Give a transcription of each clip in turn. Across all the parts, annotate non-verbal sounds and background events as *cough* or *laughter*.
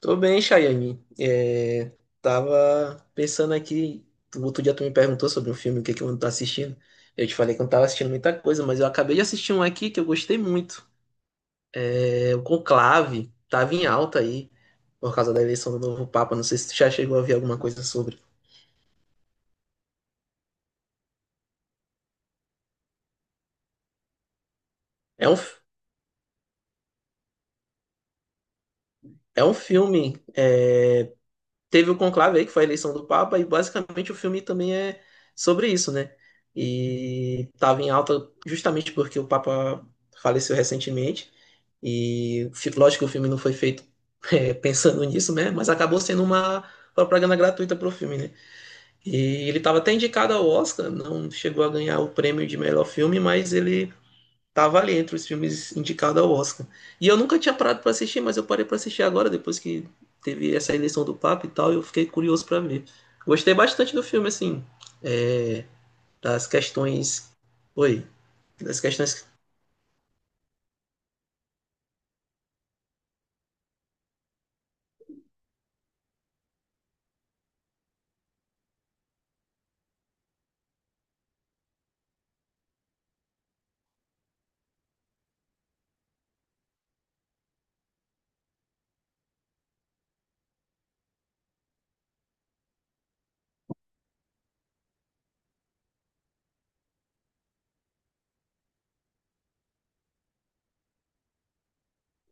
Tô bem, Chayane. Tava pensando aqui, o outro dia tu me perguntou sobre um filme, o que que eu ando tá assistindo. Eu te falei que eu não tava assistindo muita coisa, mas eu acabei de assistir um aqui que eu gostei muito. É, o Conclave, tava em alta aí, por causa da eleição do novo Papa. Não sei se tu já chegou a ver alguma coisa sobre. É um, f- É um filme, teve o Conclave aí, que foi a eleição do Papa, e basicamente o filme também é sobre isso, né? E estava em alta justamente porque o Papa faleceu recentemente. E lógico que o filme não foi feito *laughs* pensando nisso, né? Mas acabou sendo uma propaganda gratuita pro filme, né? E ele estava até indicado ao Oscar, não chegou a ganhar o prêmio de melhor filme, mas ele estava ali entre os filmes indicados ao Oscar. E eu nunca tinha parado para assistir, mas eu parei para assistir agora, depois que teve essa eleição do Papa e tal, eu fiquei curioso para ver. Gostei bastante do filme, assim, eh, das questões. Oi, das questões.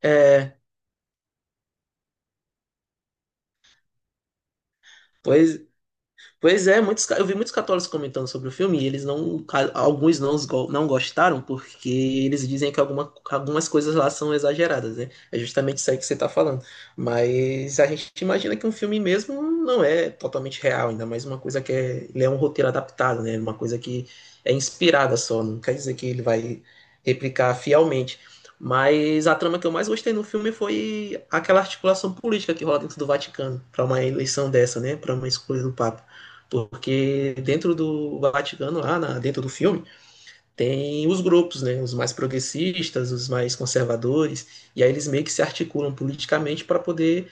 É, pois. Pois é, eu vi muitos católicos comentando sobre o filme e eles não, ca- alguns não, não gostaram porque eles dizem que algumas coisas lá são exageradas, né? É justamente isso aí que você tá falando. Mas a gente imagina que um filme mesmo não é totalmente real, ainda mais uma coisa que é, ele é um roteiro adaptado, né? Uma coisa que é inspirada só, não quer dizer que ele vai replicar fielmente. Mas a trama que eu mais gostei no filme foi aquela articulação política que rola dentro do Vaticano para uma eleição dessa, né? Para uma escolha do Papa. Porque dentro do Vaticano, dentro do filme, tem os grupos, né? Os mais progressistas, os mais conservadores, e aí eles meio que se articulam politicamente para poder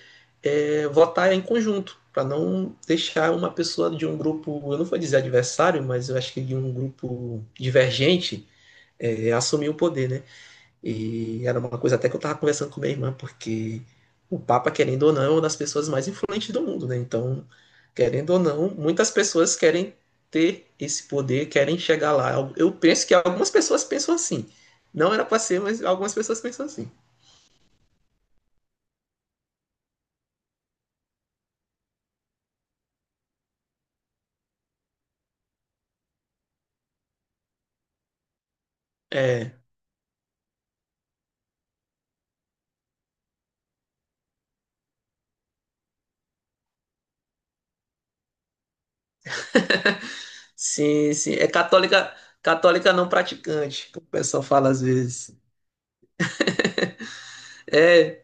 votar em conjunto, para não deixar uma pessoa de um grupo, eu não vou dizer adversário, mas eu acho que de um grupo divergente, assumir o poder, né? E era uma coisa até que eu estava conversando com minha irmã, porque o Papa, querendo ou não, é uma das pessoas mais influentes do mundo, né? Então, querendo ou não, muitas pessoas querem ter esse poder, querem chegar lá. Eu penso que algumas pessoas pensam assim. Não era para ser, mas algumas pessoas pensam assim. É, sim, sim. É católica, católica não praticante, que o pessoal fala às vezes. É,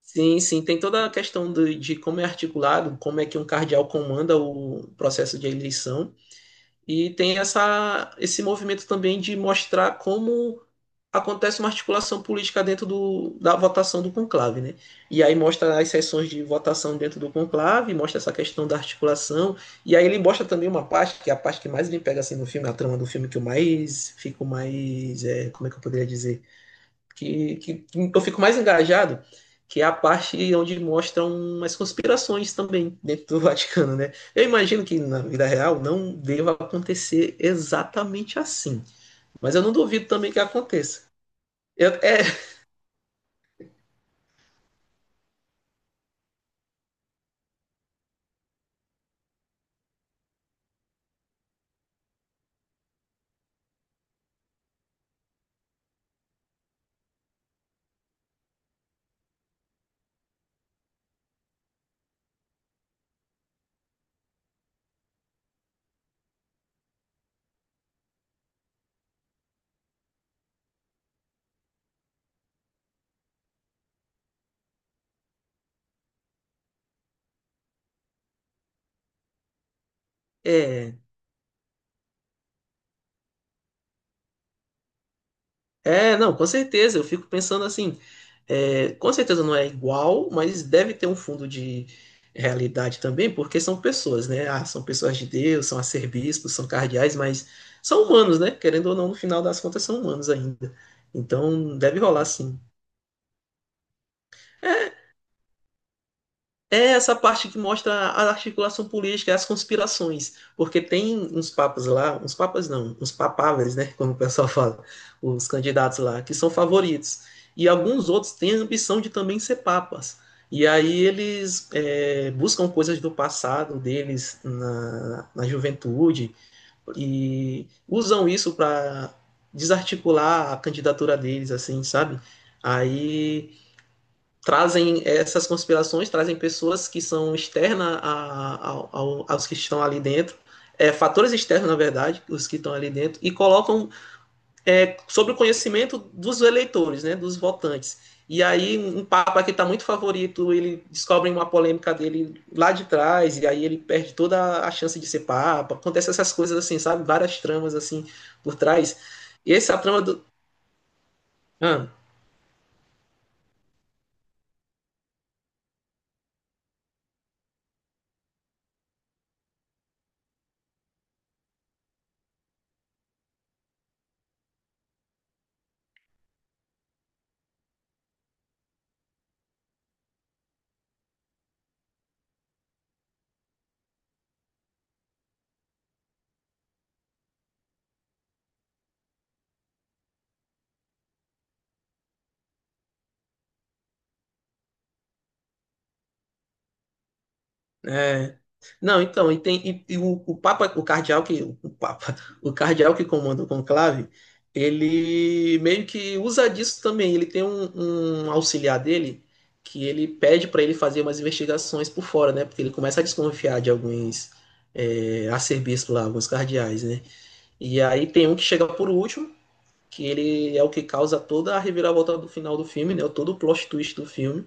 sim, sim. Tem toda a questão de como é articulado, como é que um cardeal comanda o processo de eleição. E tem essa, esse movimento também de mostrar como acontece uma articulação política dentro do, da votação do conclave, né? E aí mostra as sessões de votação dentro do conclave, mostra essa questão da articulação, e aí ele mostra também uma parte, que é a parte que mais me pega assim no filme, a trama do filme que eu mais fico mais, é, como é que eu poderia dizer? Que eu fico mais engajado, que é a parte onde mostram umas conspirações também dentro do *laughs* Vaticano, né? Eu imagino que na vida real não deva acontecer exatamente assim, mas eu não duvido também que aconteça. Eu- é, é, não, com certeza, eu fico pensando assim, é, com certeza não é igual, mas deve ter um fundo de realidade também, porque são pessoas, né? Ah, são pessoas de Deus, são arcebispos, são cardeais, mas são humanos, né? Querendo ou não, no final das contas, são humanos ainda. Então, deve rolar sim. É, é essa parte que mostra a articulação política, as conspirações, porque tem uns papas lá, uns papas não, uns papáveis, né, como o pessoal *laughs* fala, os candidatos lá, que são favoritos, e alguns outros têm a ambição de também ser papas, e aí eles buscam coisas do passado deles na juventude, e usam isso para desarticular a candidatura deles, assim, sabe? Aí trazem essas conspirações, trazem pessoas que são externas aos que estão ali dentro, é, fatores externos, na verdade, os que estão ali dentro, e colocam sobre o conhecimento dos eleitores, né, dos votantes. E aí, um papa que está muito favorito, ele descobre uma polêmica dele lá de trás, e aí ele perde toda a chance de ser papa. Acontece essas coisas assim, sabe? Várias tramas assim por trás. E essa trama do. Ah. É. Não, então, o Papa, *laughs* o cardeal que comanda o conclave, ele meio que usa disso também. Ele tem um auxiliar dele que ele pede para ele fazer umas investigações por fora, né? Porque ele começa a desconfiar de alguns arcebispos lá, alguns cardeais, né? E aí tem um que chega por último que ele é o que causa toda a reviravolta do final do filme, né? Todo o plot twist do filme.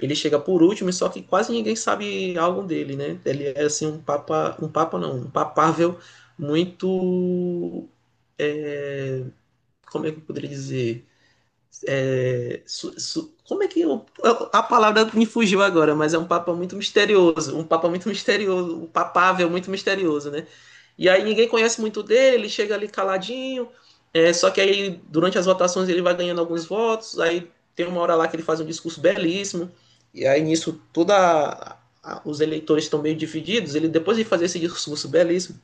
Ele chega por último, só que quase ninguém sabe algo dele, né? Ele é assim um papa não, um papável muito, como é que eu poderia dizer? Como é que a palavra me fugiu agora, mas é um papa muito misterioso, um papa muito misterioso, um papável muito misterioso, né? E aí ninguém conhece muito dele, ele chega ali caladinho, é, só que aí durante as votações ele vai ganhando alguns votos, aí tem uma hora lá que ele faz um discurso belíssimo, e aí nisso toda os eleitores estão meio divididos, ele depois de fazer esse discurso belíssimo,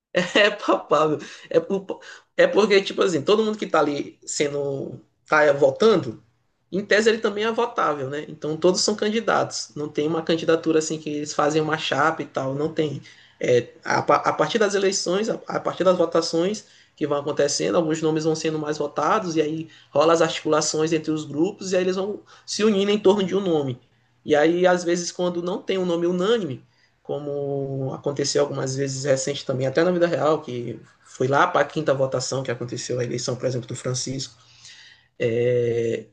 *laughs* é papável, é, por- é porque tipo assim, todo mundo que tá ali sendo tá votando. Em tese, ele também é votável, né? Então, todos são candidatos. Não tem uma candidatura assim que eles fazem uma chapa e tal. Não tem. A partir das eleições, a partir das votações que vão acontecendo, alguns nomes vão sendo mais votados, e aí rola as articulações entre os grupos, e aí eles vão se unindo em torno de um nome. E aí, às vezes, quando não tem um nome unânime, como aconteceu algumas vezes recente também, até na vida real, que foi lá para a quinta votação que aconteceu a eleição, por exemplo, do Francisco. É,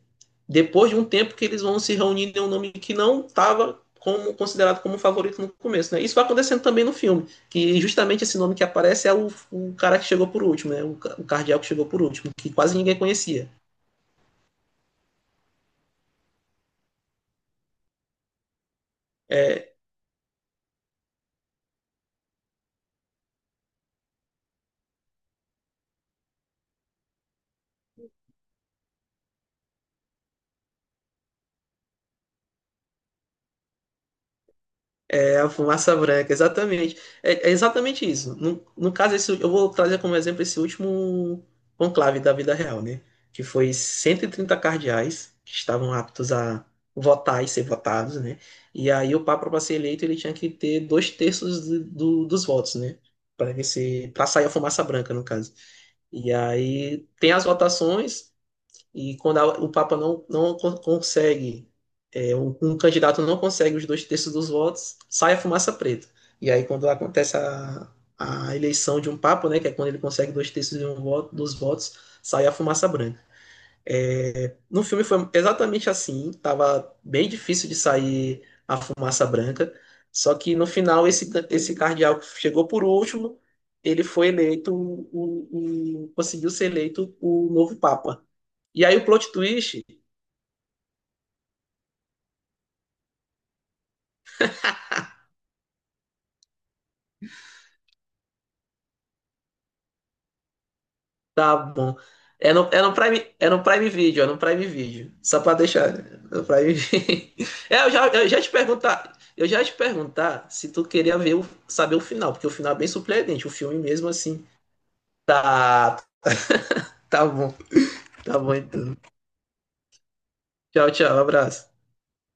depois de um tempo que eles vão se reunir em um nome que não estava como, considerado como favorito no começo. Né? Isso vai acontecendo também no filme, que justamente esse nome que aparece é o cara que chegou por último, né? O cardíaco que chegou por último, que quase ninguém conhecia. É, é a fumaça branca, exatamente. É, é exatamente isso. No caso, esse, eu vou trazer como exemplo esse último conclave da vida real, né? Que foi 130 cardeais que estavam aptos a votar e ser votados, né? E aí o Papa, para ser eleito, ele tinha que ter dois terços dos votos, né? Para ser, para sair a fumaça branca, no caso. E aí tem as votações, e quando o Papa não, consegue, é, um candidato não consegue os dois terços dos votos, sai a fumaça preta. E aí, quando acontece a eleição de um Papa, né, que é quando ele consegue dois terços de um voto, dos votos, sai a fumaça branca. É, no filme foi exatamente assim, estava bem difícil de sair a fumaça branca, só que no final esse cardeal que chegou por último, ele foi eleito, conseguiu ser eleito o novo Papa. E aí o plot twist, tá bom. É no Prime, é no Prime Video. Só pra deixar né? No Prime Video. *laughs* É, eu já te perguntar se tu queria ver saber o final, porque o final é bem surpreendente, o filme mesmo assim. Tá, tá bom, tá bom então. Tchau, tchau, abraço.